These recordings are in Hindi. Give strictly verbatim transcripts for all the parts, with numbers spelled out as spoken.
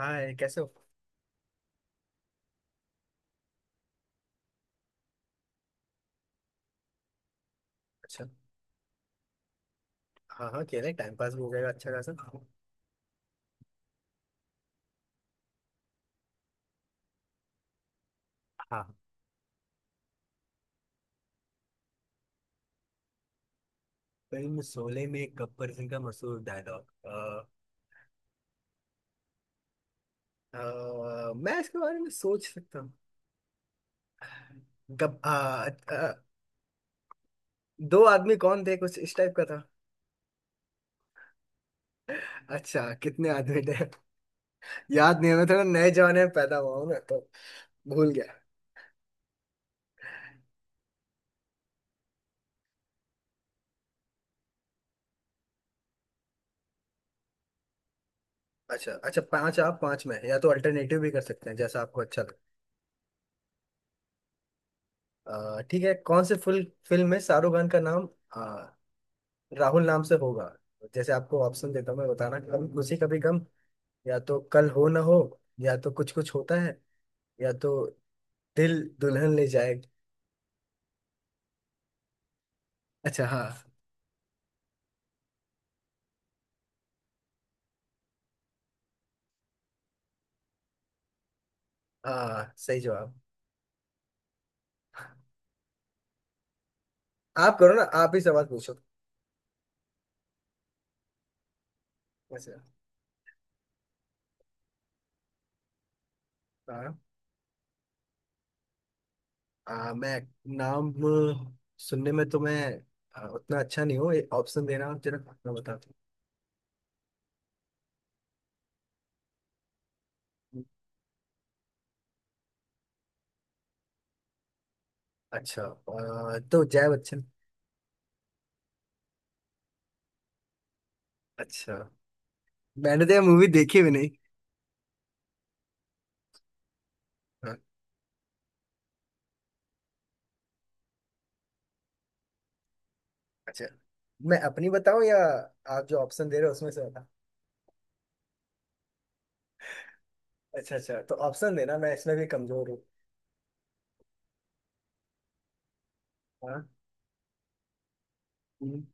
हाँ, कैसे हो। अच्छा। हाँ हाँ, क्यों नहीं, टाइम पास भी हो जाएगा अच्छा खासा। हाँ। फिल्म शोले में गब्बर सिंह का मशहूर डायलॉग। मैं इसके बारे में सोच सकता हूँ। गब आ, आ, दो आदमी कौन थे, कुछ इस टाइप का था। अच्छा, कितने आदमी थे। याद नहीं है, मैं थोड़ा नए जमाने में पैदा हुआ हूँ ना, तो भूल गया। अच्छा अच्छा, पांच आप पांच में या तो अल्टरनेटिव भी कर सकते हैं, जैसा आपको अच्छा लगे। अ, ठीक है, कौन से फुल फिल्म में शाहरुख खान का नाम राहुल नाम से होगा। जैसे आपको ऑप्शन देता हूँ मैं, बताना। कभी खुशी कभी गम, या तो कल हो ना हो, या तो कुछ कुछ होता है, या तो दिल दुल्हन ले जाए। अच्छा हाँ। हाँ, सही जवाब। आप करो ना, आप ही सवाल पूछो। वैसे। हाँ। आ, मैं नाम सुनने में तो मैं आ, उतना अच्छा नहीं हूँ, ये ऑप्शन देना आप जरा, मैं बताता हूँ। अच्छा, आ, तो जया बच्चन। अच्छा। मैंने तो ये मूवी देखी भी नहीं। हाँ। अच्छा, मैं अपनी बताऊं या आप जो ऑप्शन दे रहे हो उसमें से बता। अच्छा अच्छा, तो ऑप्शन देना, मैं इसमें भी कमजोर हूँ। हाँ। हम्म।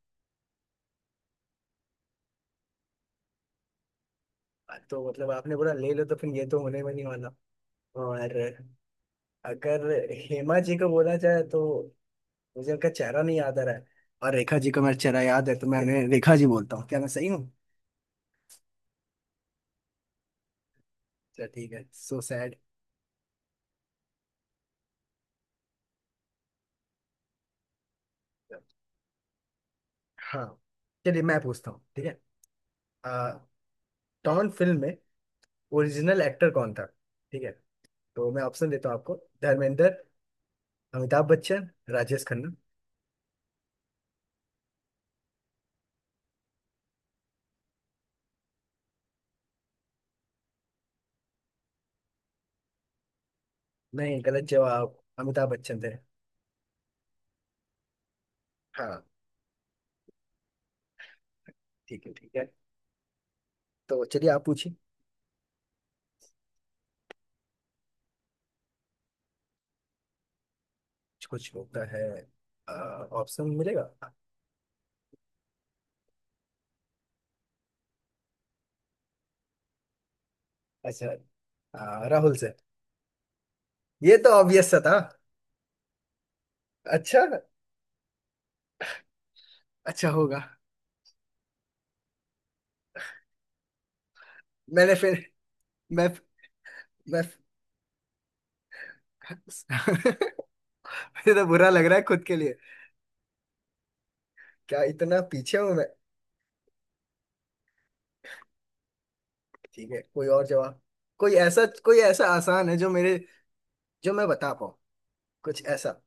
तो मतलब आपने बोला ले लो, तो फिर ये तो होने में नहीं वाला। और अगर हेमा जी को बोला जाए तो मुझे उनका चेहरा नहीं याद आ रहा है, और रेखा जी को मेरा चेहरा याद है, तो मैं उन्हें रेखा जी बोलता हूँ। क्या मैं सही हूँ। चलो ठीक है, सो सैड। हाँ। चलिए मैं पूछता हूँ, ठीक है। आ, टॉन फिल्म में ओरिजिनल एक्टर कौन था। ठीक है, तो मैं ऑप्शन देता हूँ आपको। धर्मेंद्र, अमिताभ बच्चन, राजेश खन्ना। नहीं, गलत जवाब, अमिताभ बच्चन थे। हाँ, ठीक है ठीक है, तो चलिए आप पूछिए। कुछ होता है। अ, ऑप्शन मिलेगा। अच्छा। अ, राहुल से। ये तो ऑब्वियस सा था। अच्छा। अच्छा होगा। मैंने फिर मैं मैं मुझे तो बुरा लग रहा है खुद के लिए। क्या इतना पीछे हूं मैं। ठीक है, कोई और जवाब। कोई ऐसा कोई ऐसा आसान है जो मेरे जो मैं बता पाऊँ, कुछ ऐसा।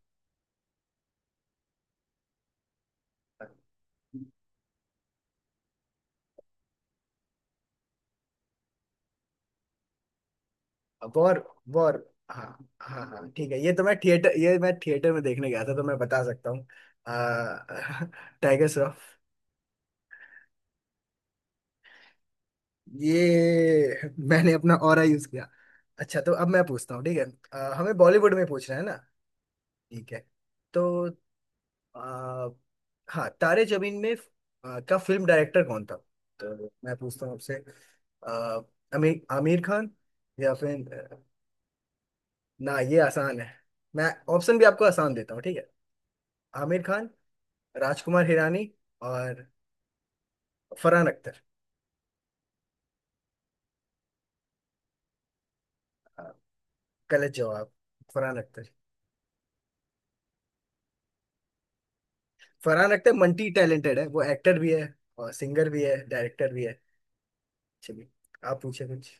वॉर। वॉर। हाँ हाँ हाँ, ठीक है, ये तो मैं थिएटर ये मैं थिएटर में देखने गया था तो मैं बता सकता हूँ। टाइगर श्रॉफ। ये मैंने अपना ऑरा यूज किया। अच्छा, तो अब मैं पूछता हूँ, ठीक है। अ, हमें बॉलीवुड में पूछना है ना। ठीक है। तो आ, हाँ, तारे जमीन में आ, का फिल्म डायरेक्टर कौन था, तो मैं पूछता हूँ आपसे। आ, आमिर आमिर खान, या फिर, ना ये आसान है, मैं ऑप्शन भी आपको आसान देता हूँ, ठीक है। आमिर खान, राजकुमार हिरानी, और फरहान अख्तर। हाँ, गलत जवाब, फरहान अख्तर। फरहान अख्तर मल्टी टैलेंटेड है, वो एक्टर भी है और सिंगर भी है, डायरेक्टर भी है। चलिए आप पूछे कुछ।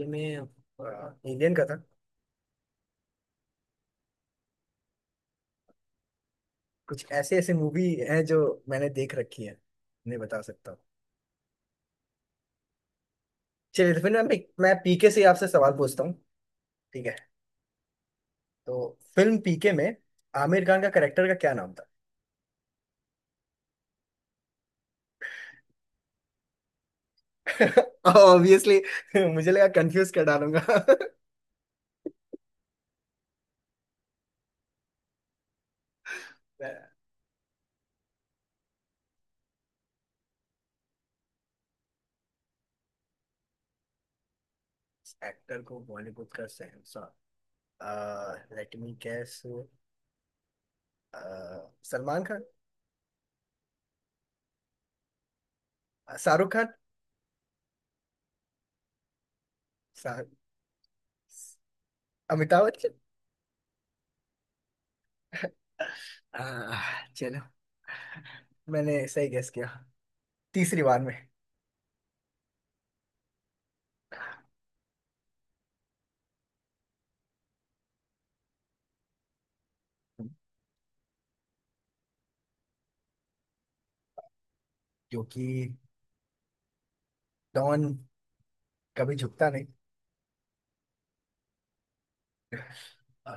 ये मैं, अ, इंडियन का था। कुछ ऐसे ऐसे मूवी हैं जो मैंने देख रखी है, नहीं बता सकता हूँ। चलिए, तो फिर मैं मैं पीके से आपसे सवाल पूछता हूँ, ठीक है। तो फिल्म पीके में आमिर खान का करेक्टर का क्या नाम था। ऑब्वियसली, मुझे लगा कंफ्यूज कर डालूंगा। एक्टर को बॉलीवुड का शहंशाह। Let me guess, Salman Khan. अ, शाहरुख खान। शाह- अमिताभ बच्चन। अ, चलो, मैंने सही गेस किया तीसरी बार में। क्योंकि डॉन कभी झुकता नहीं। अ,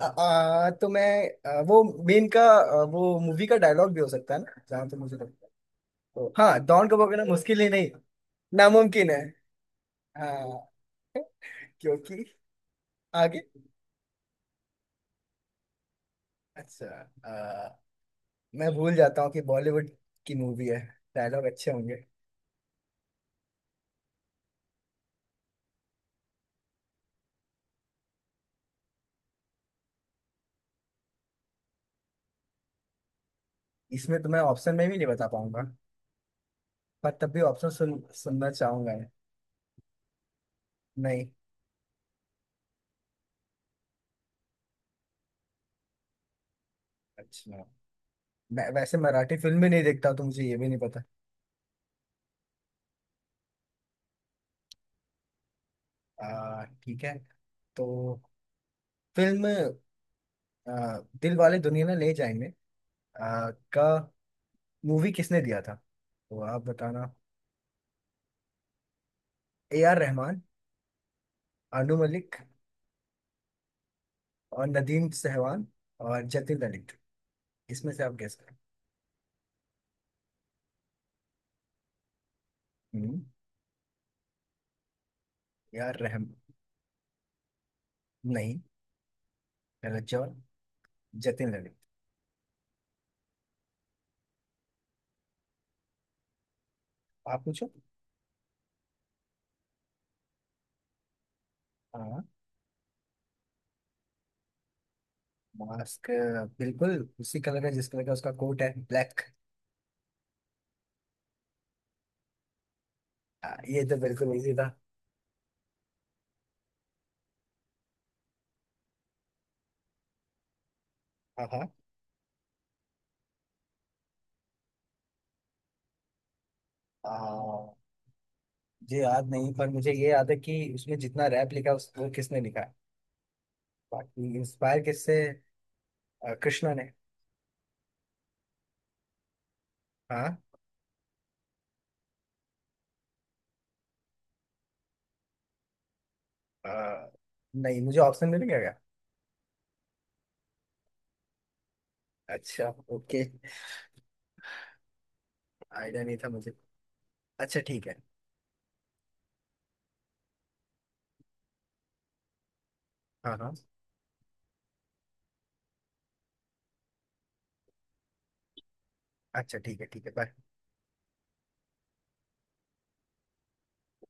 अ, तो मैं, अ, वो मेन का, अ, वो मूवी का डायलॉग भी हो सकता है ना, जहाँ तक मुझे लगता है, तो हाँ, डॉन को पकड़ना मुश्किल ही नहीं, नामुमकिन है। हाँ, क्योंकि, आगे। अच्छा, मैं भूल जाता हूँ कि बॉलीवुड की मूवी है, डायलॉग अच्छे होंगे। इसमें तो मैं ऑप्शन में भी नहीं बता पाऊंगा, पर तब भी ऑप्शन सुन सुनना चाहूंगा। नहीं। अच्छा, मैं वैसे मराठी फिल्म भी नहीं देखता, तो मुझे ये भी नहीं पता। आ, ठीक है। तो फिल्म आ, दिल वाले दुनिया ना ले जाएंगे आ, का मूवी किसने दिया था, तो आप बताना। ए आर रहमान, अनु मलिक और नदीम सहवान, और जतिन ललित, इसमें से आप गेस करो। हम्म। यार रहम नहीं, रजत जवान, जतिन ललित। आप पूछो। हाँ। मास्क, बिल्कुल उसी कलर का जिस कलर का उसका कोट है, ब्लैक। ये तो बिल्कुल इजी था। हाँ हाँ। आ, मुझे याद नहीं, पर मुझे ये याद है कि उसमें जितना रैप लिखा, उस वो किसने लिखा है, बाकी इंस्पायर किससे। आ, कृष्णा ने। हाँ। आ, नहीं, मुझे ऑप्शन मिलेगा क्या। अच्छा, ओके। आइडिया नहीं था मुझे। अच्छा ठीक है। हाँ हाँ, अच्छा ठीक है ठीक है, बाय।